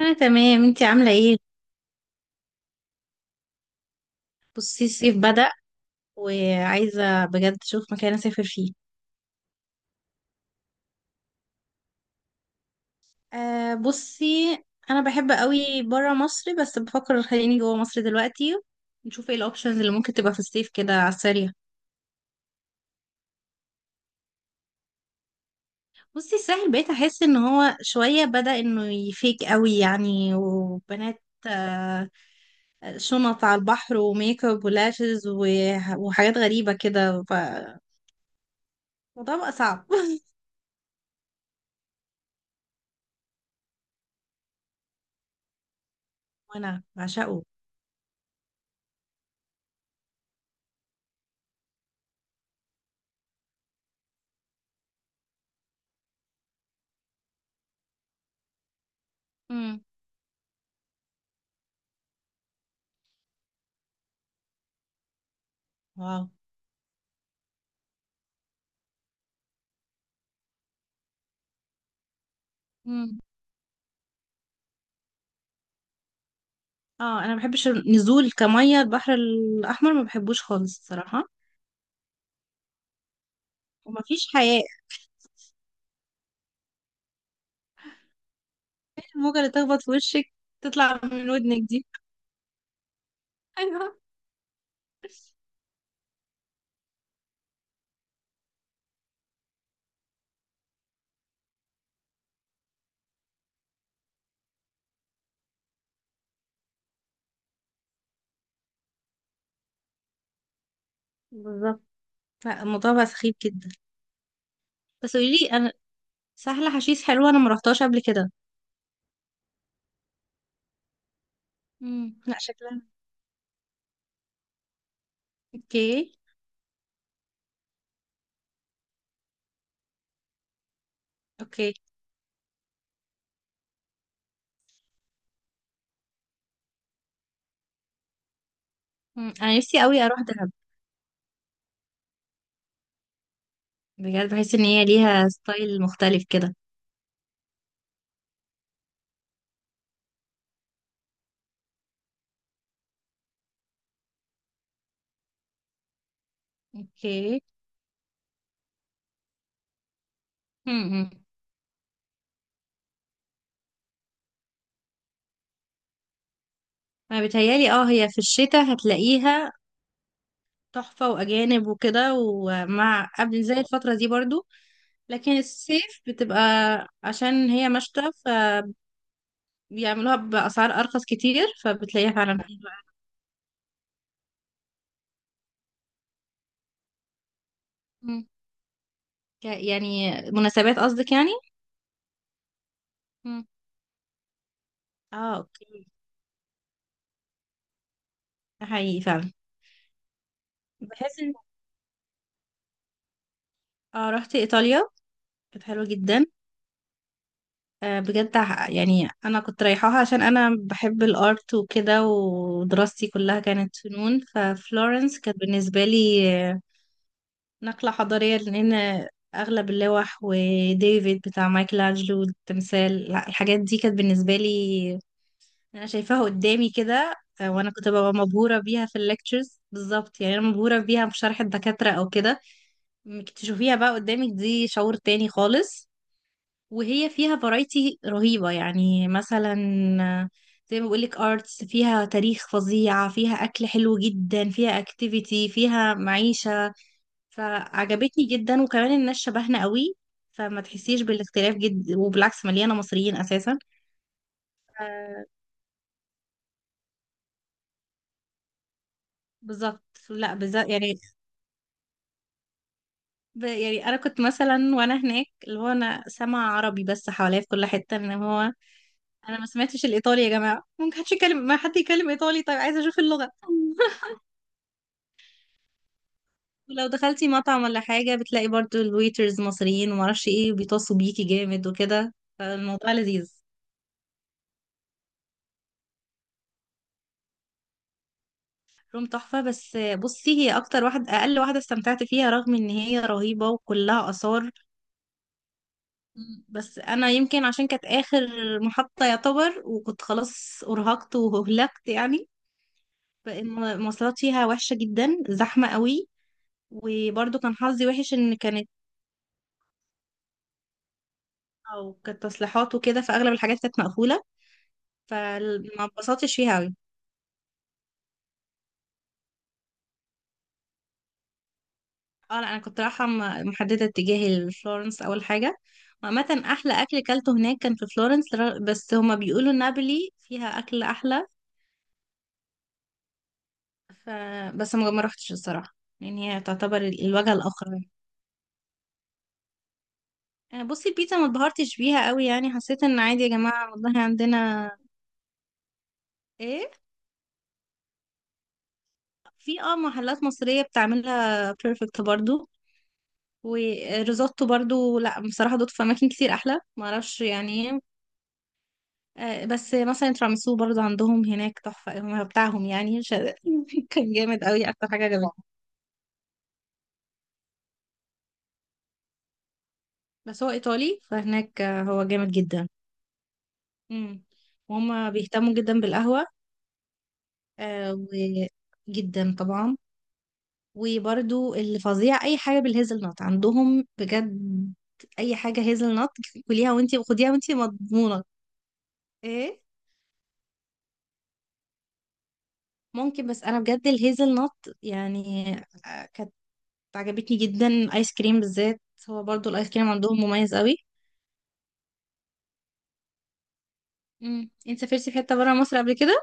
انا تمام، انتي عامله ايه؟ بصي الصيف بدأ وعايزه بجد اشوف مكان اسافر فيه. أه بصي، انا بحب قوي برا مصر بس بفكر خليني جوا مصر دلوقتي. نشوف ايه الاوبشنز اللي ممكن تبقى في الصيف كده على السريع. بصي الساحل بقيت احس ان هو شويه بدأ انه يفيك قوي يعني، وبنات شنط على البحر وميك اب ولاشز وحاجات غريبه كده فالموضوع بقى صعب. وانا بعشقه. امم. واو. اه انا ما بحبش النزول، كميه البحر الاحمر ما بحبوش خالص الصراحه. وما فيش حياه. الموجه اللي تخبط في وشك تطلع من ودنك دي. ايوه. بالظبط، لا الموضوع بقى سخيف جدا. بس قولي لي انا، سهله حشيش حلوه؟ انا ما رحتهاش قبل كده. لا شكلها. اوكي. اوكي. مم. انا نفسي قوي اروح دهب. بجد بحس ان هي ليها ستايل مختلف كده. اوكي. امم. انا بتهيالي اه هي في الشتاء هتلاقيها تحفة وأجانب وكده ومع قبل زي الفترة دي برضو. لكن الصيف بتبقى، عشان هي مشتى فبيعملوها بأسعار أرخص كتير فبتلاقيها فعلا حلوة. مم. يعني مناسبات قصدك يعني. مم. اه اوكي. ده حقيقي فعلا. بحس ان اه رحت ايطاليا. كانت حلوه جدا. آه بجد، يعني انا كنت رايحاها عشان انا بحب الارت وكده ودراستي كلها كانت فنون. ففلورنس كانت بالنسبه لي نقلة حضارية، لأن أغلب اللوح وديفيد بتاع مايكل أنجلو التمثال، لا الحاجات دي كانت بالنسبة لي، أنا شايفاها قدامي كده. وأنا كنت ببقى مبهورة بيها في الليكتشرز، بالظبط يعني أنا مبهورة بيها في شرح الدكاترة أو كده. إنك تشوفيها بقى قدامك دي شعور تاني خالص. وهي فيها فرايتي رهيبة، يعني مثلا آه، زي ما بقولك ارتس فيها تاريخ فظيع فيها أكل حلو جدا فيها اكتيفيتي فيها معيشة. فعجبتني جدا، وكمان الناس شبهنا قوي. فما تحسيش بالاختلاف جدا، وبالعكس مليانه مصريين اساسا. آه، بالظبط. لا بالظبط يعني، يعني انا كنت مثلا وانا هناك اللي هو انا سامع عربي بس حواليا في كل حته ان هو انا ما سمعتش الايطالي يا جماعه. ممكن حدش يكلم، ما حد يكلم ايطالي طيب، عايزه اشوف اللغه. ولو دخلتي مطعم ولا حاجه بتلاقي برضو الويترز مصريين وما اعرفش ايه بيتصوا بيكي جامد وكده فالموضوع لذيذ. روم تحفة، بس بصي هي أكتر واحدة أقل واحدة استمتعت فيها رغم إن هي رهيبة وكلها آثار. مم. بس أنا يمكن عشان كانت آخر محطة يعتبر، وكنت خلاص أرهقت وهلكت يعني. فالمواصلات فيها وحشة جدا، زحمة قوي. وبرضه كان حظي وحش إن كانت، أو كانت تصليحات وكده فأغلب الحاجات كانت مقفولة. فما اتبسطتش فيها أوي. اه لا انا كنت رايحه محدده اتجاهي لفلورنس اول حاجه. وعامه احلى اكل كلته هناك كان في فلورنس، بس هما بيقولوا نابولي فيها اكل احلى. ف بس ما روحتش الصراحه. يعني هي تعتبر الوجهه الاخرى يعني. بصي البيتزا ما اتبهرتش بيها قوي، يعني حسيت ان عادي يا جماعه، والله عندنا ايه؟ في محلات مصريه بتعملها بيرفكت برضو. وريزوتو برضو، لا بصراحه دوت في اماكن كتير احلى ما اعرفش يعني إيه. بس مثلا تراميسو برضو عندهم هناك تحفة، هم بتاعهم يعني كان جامد قوي، أكتر حاجة عجبتني. بس هو إيطالي، فهناك هو جامد جدا. امم. وهم بيهتموا جدا بالقهوة. آه، وجدا طبعا. وبرضو اللي فظيع أي حاجة بالهيزل نوت عندهم بجد. أي حاجة هيزل نوت كليها وانتي، وخديها وانتي مضمونة. ايه. ممكن، بس أنا بجد الهيزل نوت يعني عجبتني جدا. ايس كريم بالذات، هو برضو الايس كريم عندهم مميز قوي. انت سافرتي في حته بره مصر قبل كده؟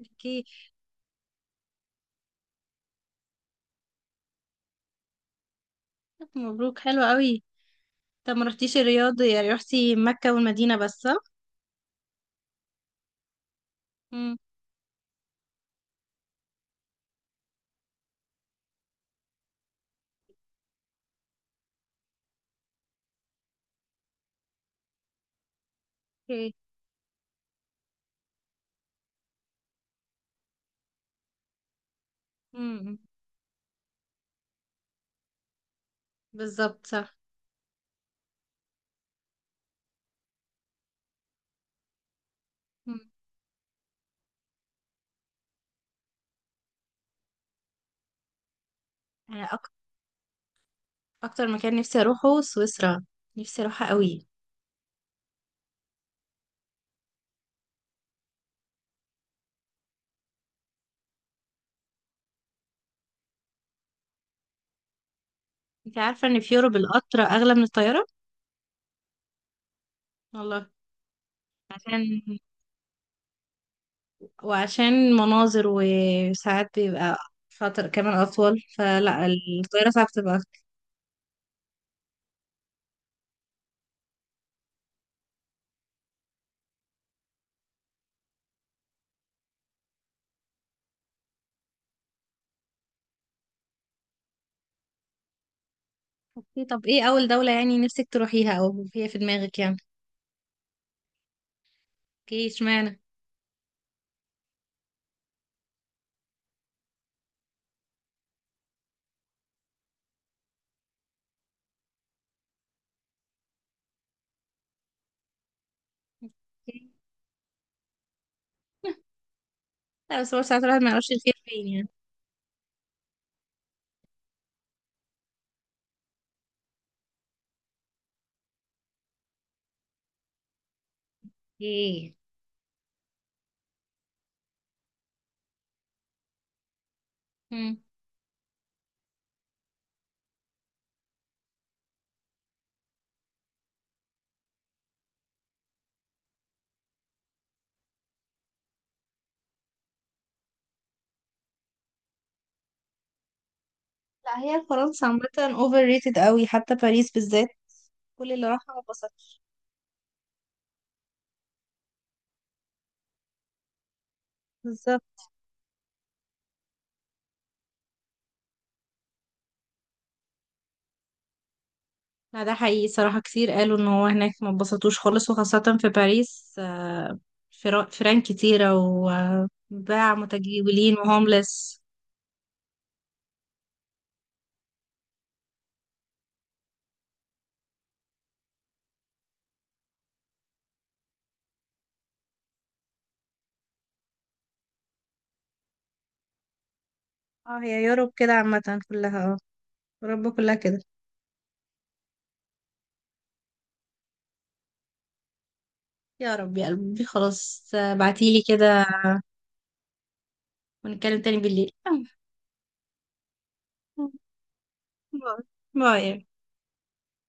اوكي. طب مبروك حلو قوي. طب ما رحتيش الرياض يعني، رحتي مكه والمدينه بس صح؟ امم. اوكي. امم بالظبط صح. امم انا اكتر مكان نفسي اروحه سويسرا. نفسي اروحها قوي. انت عارفه ان في يوروب القطر اغلى من الطياره؟ والله. عشان مناظر، وساعات بيبقى فترة كمان أطول فلا الطيارة ساعات بتبقى. اوكي طب ايه اول دولة يعني نفسك تروحيها او هي في دماغك يعني؟ اوكي اشمعنى؟ اوكي. لا بس هو ساعات الواحد ما يعرفش الخير فين يعني. اوكي. مم. لا هي فرنسا عامة اوفر ريتد قوي، حتى باريس بالذات. كل اللي راحها ما اتبسطش. بالظبط. لا ده حقيقي صراحة، كتير قالوا ان هو هناك ما اتبسطوش خالص، وخاصة في باريس فيران كتيرة وباع متجولين وهوملس. اه هي يوروب كده عامة كلها اه. اوروبا كلها كده. يا رب يا قلبي خلاص، بعتيلي كده. ونتكلم تاني بالليل. باي باي.